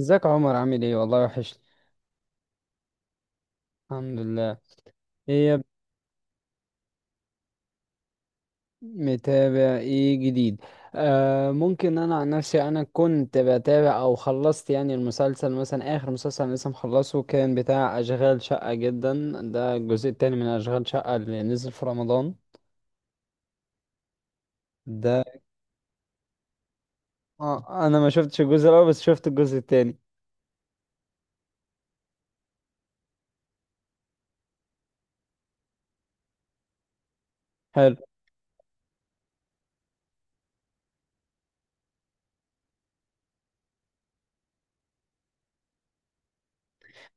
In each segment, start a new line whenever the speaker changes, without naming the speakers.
ازيك يا عمر، عامل ايه؟ والله وحشني. الحمد لله. ايه يا ب- متابع ايه جديد؟ آه، ممكن. انا عن نفسي، انا كنت بتابع او خلصت يعني المسلسل، مثلا اخر مسلسل أنا لسه مخلصه كان بتاع اشغال شقة جدا. ده الجزء التاني من اشغال شقة اللي نزل في رمضان ده. آه، انا ما شفتش الجزء الاول بس شفت الجزء التاني.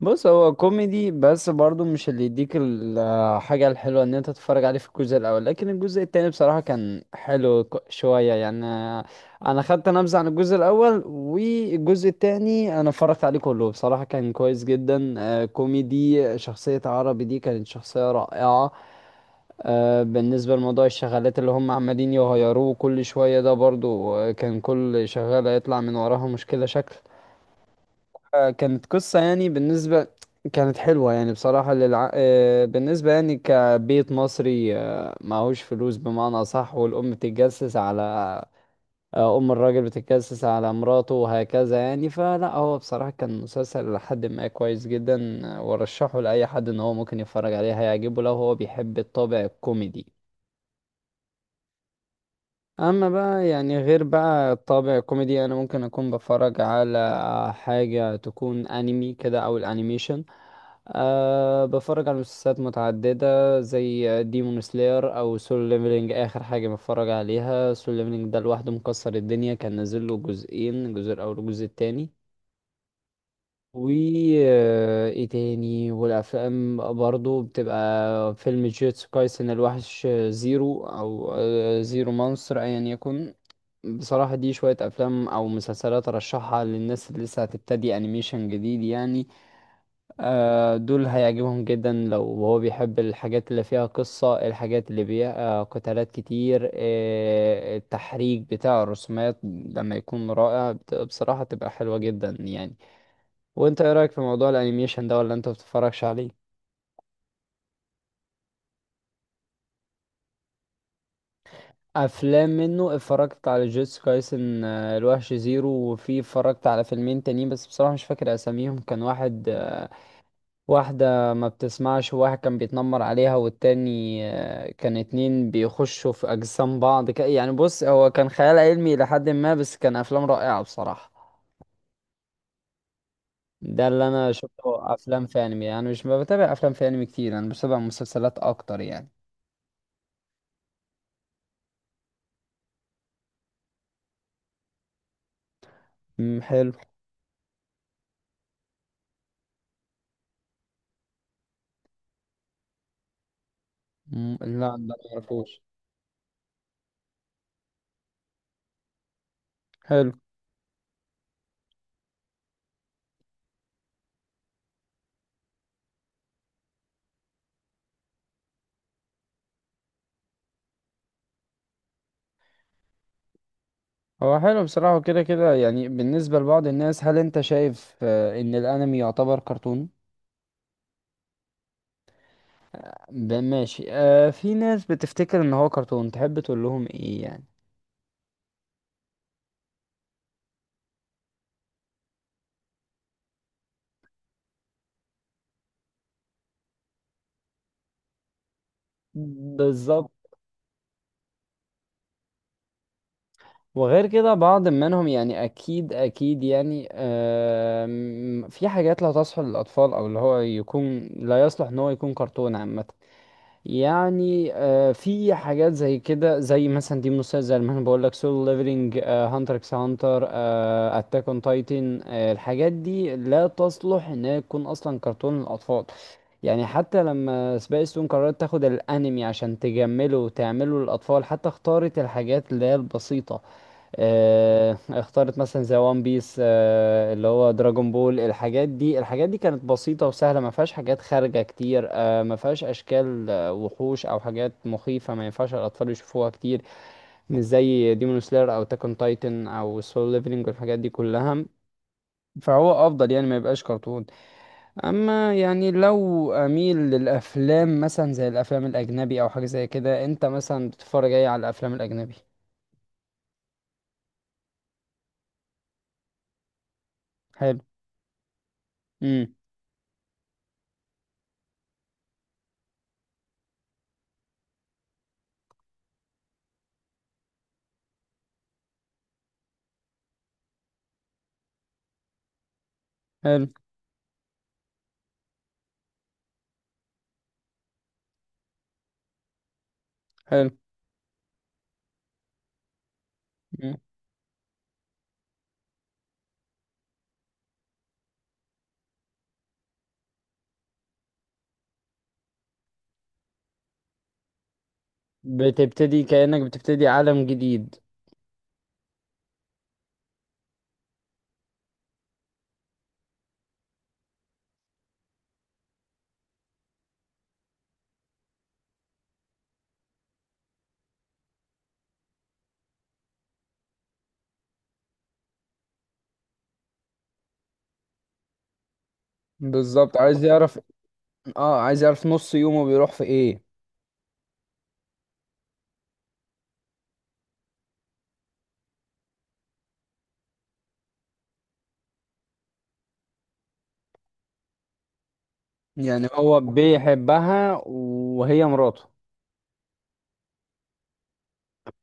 بص، هو كوميدي بس برضو مش اللي يديك الحاجة الحلوة ان انت تتفرج عليه في الجزء الاول، لكن الجزء التاني بصراحة كان حلو شوية يعني. انا خدت نبذة عن الجزء الاول، والجزء التاني انا اتفرجت عليه كله، بصراحة كان كويس جدا. كوميدي. شخصية عربي دي كانت شخصية رائعة. بالنسبة لموضوع الشغالات اللي هم عمالين يغيروه كل شوية ده، برضو كان كل شغالة يطلع من وراها مشكلة شكل. كانت قصة يعني، بالنسبة كانت حلوة يعني بصراحة للع... آه، بالنسبة يعني كبيت مصري، معهوش فلوس بمعنى صح، والأم بتتجسس على أم الراجل بتتجسس على مراته وهكذا يعني. فلا هو بصراحة كان مسلسل لحد ما كويس جدا. وأرشحه لأي حد إن هو ممكن يتفرج عليه، هيعجبه لو هو بيحب الطابع الكوميدي. اما بقى يعني غير بقى طابع كوميدي، انا ممكن اكون بتفرج على حاجة تكون انمي كده او الانيميشن. أه، بتفرج على مسلسلات متعددة زي ديمون سلاير او سول ليفلينج. اخر حاجة بتفرج عليها سول ليفلينج ده، لوحده مكسر الدنيا، كان نازل له جزئين الجزء الاول والجزء التاني. و ايه تاني، والافلام برضو بتبقى فيلم جيتسو كايسن الوحش زيرو، او زيرو مانستر ايا يكن. بصراحة دي شوية أفلام أو مسلسلات أرشحها للناس اللي لسه هتبتدي أنيميشن جديد يعني. دول هيعجبهم جدا لو هو بيحب الحاجات اللي فيها قصة، الحاجات اللي فيها قتالات كتير، التحريك بتاع الرسومات لما يكون رائع بصراحة تبقى حلوة جدا يعني. وأنت إيه رأيك في موضوع الأنيميشن ده، ولا أنت بتتفرجش عليه؟ افلام منه اتفرجت على جيتس كايسن الوحش زيرو، وفي اتفرجت على فيلمين تانيين بس بصراحة مش فاكر اساميهم. كان واحد، واحدة ما بتسمعش وواحد كان بيتنمر عليها، والتاني كان اتنين بيخشوا في أجسام بعض يعني. بص هو كان خيال علمي لحد ما بس كان أفلام رائعة بصراحة. ده اللي أنا شفته أفلام في أنمي يعني. مش ما بتابع أفلام في أنمي كتير، أنا بتابع مسلسلات أكتر يعني. أمم، حلو. أمم، لا ده ما اعرفوش. حلو. هو حلو بصراحة كده كده يعني. بالنسبة لبعض الناس هل أنت شايف إن الأنمي يعتبر كرتون؟ ماشي. آه، في ناس بتفتكر إن هو كرتون، تحب تقول لهم إيه يعني؟ بالظبط. وغير كده بعض منهم يعني، اكيد اكيد يعني في حاجات لا تصلح للاطفال، او اللي هو يكون لا يصلح ان هو يكون كرتون عامه يعني. في حاجات زي كده زي مثلا، دي مسلسل زي ما انا بقول لك سولو ليفلنج، هانتر اكس هانتر، اتاك اون تايتن. الحاجات دي لا تصلح انها تكون اصلا كرتون للاطفال يعني. حتى لما سبايس تون قررت تاخد الانمي عشان تجمله وتعمله للاطفال، حتى اختارت الحاجات اللي هي البسيطة. اخترت مثلا زي وان بيس، اللي هو دراجون بول. الحاجات دي، الحاجات دي كانت بسيطة وسهلة، ما فيهاش حاجات خارجة كتير، ما فيهاش اشكال، وحوش او حاجات مخيفة ما ينفعش الاطفال يشوفوها كتير. مش زي ديمون سلاير او تاكون تايتن او سول ليفلنج والحاجات دي كلها. فهو افضل يعني ما يبقاش كرتون. اما يعني لو اميل للافلام مثلا زي الافلام الاجنبي او حاجة زي كده، انت مثلا بتتفرج ايه على الافلام الاجنبي؟ حلو. امم. حلو. حلو. بتبتدي كأنك بتبتدي عالم جديد. بالظبط، عايز يعرف. اه عايز يعرف نص يومه بيروح في ايه. يعني هو بيحبها وهي مراته.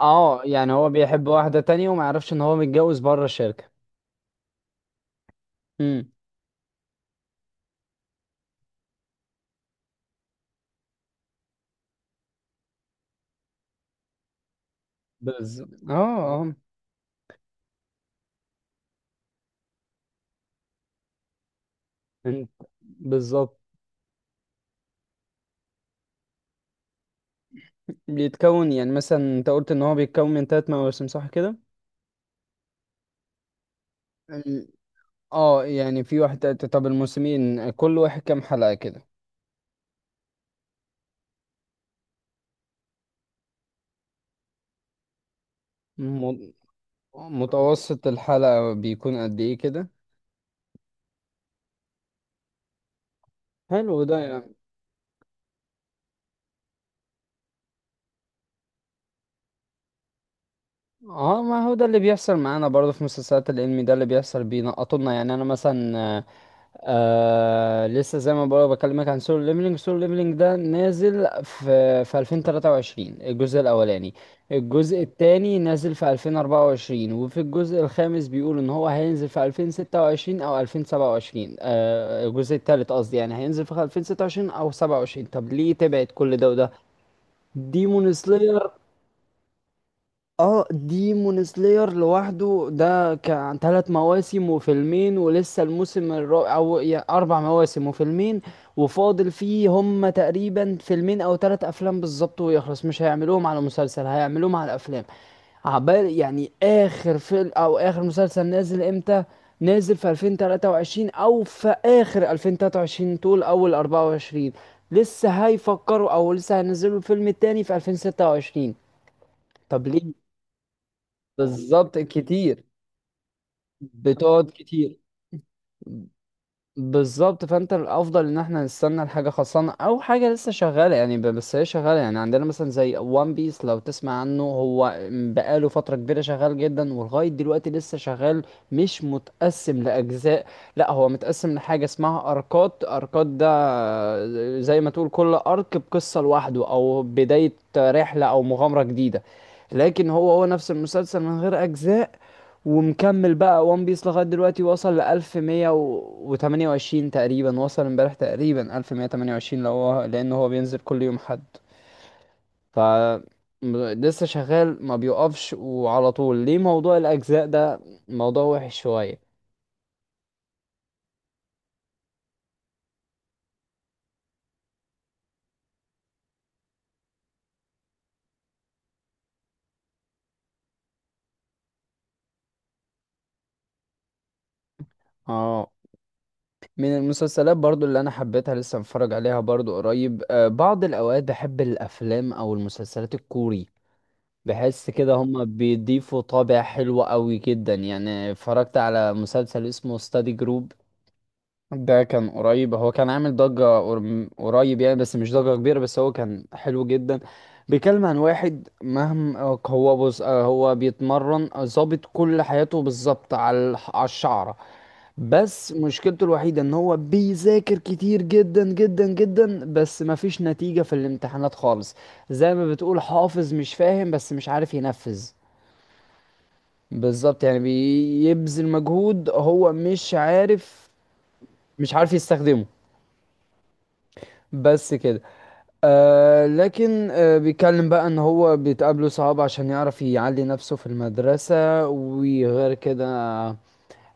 اه يعني هو بيحب واحدة تانية وما يعرفش ان هو متجوز بره الشركة. امم. بالظبط. اه آه. انت. بالظبط. بيتكون يعني مثلا، انت قلت ان هو بيتكون من 3 مواسم صح كده؟ ال- اه يعني في واحد تالت. طب الموسمين كل واحد كام حلقة كده؟ م- متوسط الحلقة بيكون قد ايه كده؟ حلو ده يعني. اه، ما هو ده اللي بيحصل معانا برضه في مسلسلات الانمي. ده اللي بيحصل، بينقطولنا يعني. انا مثلا آه، لسه زي ما بقول بكلمك عن سولو ليفلينج. سولو ليفلينج ده نازل في 2023 الجزء الاولاني. الجزء التاني نازل في 2024. وفي الجزء الخامس بيقولوا ان هو هينزل في 2026 او 2027، الجزء التالت قصدي يعني، هينزل في 2026 او 27. طب ليه تبعد كل ده وده؟ ديمون سلاير. اه ديمون سلاير لوحده ده كان 3 مواسم وفيلمين، ولسه الموسم الرابع، او 4 مواسم وفيلمين. وفاضل فيه هم تقريبا فيلمين او 3 افلام بالظبط ويخلص. مش هيعملوهم على مسلسل، هيعملوهم على افلام. عبال يعني اخر فيلم او اخر مسلسل نازل امتى. نازل في 2023 او في اخر 2023 طول اول 24. لسه هيفكروا، او لسه هينزلوا الفيلم التاني في 2026. طب ليه؟ بالظبط كتير. بتقعد كتير. بالظبط. فانت الافضل ان احنا نستنى الحاجه خلصانه، او حاجه لسه شغاله يعني. بس هي شغاله يعني، عندنا مثلا زي وان بيس. لو تسمع عنه، هو بقاله فتره كبيره شغال جدا، ولغايه دلوقتي لسه شغال. مش متقسم لاجزاء، لا هو متقسم لحاجه اسمها اركات. اركات ده زي ما تقول كل ارك بقصه لوحده، او بدايه رحله او مغامره جديده. لكن هو هو نفس المسلسل من غير اجزاء. ومكمل بقى وان بيس لغاية دلوقتي، وصل لـ1128 تقريبا، وصل امبارح تقريبا 1128، لو هو، لأن هو بينزل كل يوم حد. ف لسه شغال ما بيقفش وعلى طول. ليه موضوع الأجزاء ده موضوع وحش شوية. اه، من المسلسلات برضو اللي أنا حبيتها لسه متفرج عليها برضو قريب، بعض الأوقات بحب الأفلام أو المسلسلات الكوري. بحس كده هما بيضيفوا طابع حلو قوي جدا يعني. اتفرجت على مسلسل اسمه ستادي جروب، ده كان قريب. هو كان عامل ضجة قريب يعني، بس مش ضجة كبيرة، بس هو كان حلو جدا. بيتكلم عن واحد مهما هو بص، هو بيتمرن ظابط كل حياته بالظبط على على الشعرة. بس مشكلته الوحيدة ان هو بيذاكر كتير جدا جدا جدا، بس مفيش نتيجة في الامتحانات خالص. زي ما بتقول حافظ مش فاهم، بس مش عارف ينفذ. بالظبط، يعني بيبذل مجهود هو مش عارف. مش عارف يستخدمه. بس كده. آه، لكن آه بيتكلم بقى ان هو بتقابله صعاب عشان يعرف يعلي نفسه في المدرسة، وغير كده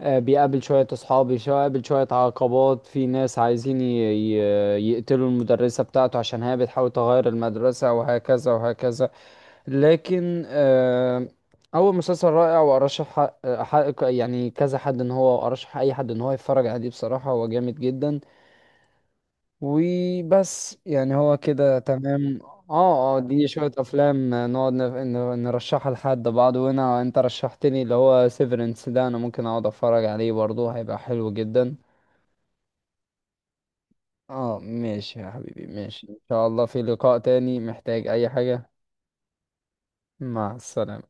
بيقابل شوية اصحاب، بيقابل شوية عقبات، في ناس عايزين يقتلوا المدرسة بتاعته عشان هي بتحاول تغير المدرسة وهكذا وهكذا. لكن اول مسلسل رائع، وارشح يعني كذا حد ان هو، ارشح اي حد ان هو يتفرج عليه بصراحة هو جامد جدا. وبس يعني هو كده تمام. اه اه، دي شوية افلام نقعد نرشحها لحد بعض. وانا انت رشحتني اللي هو سيفرنس ده، انا ممكن اقعد اتفرج عليه برضه هيبقى حلو جدا. اه ماشي يا حبيبي، ماشي ان شاء الله في لقاء تاني، محتاج اي حاجة. مع السلامة.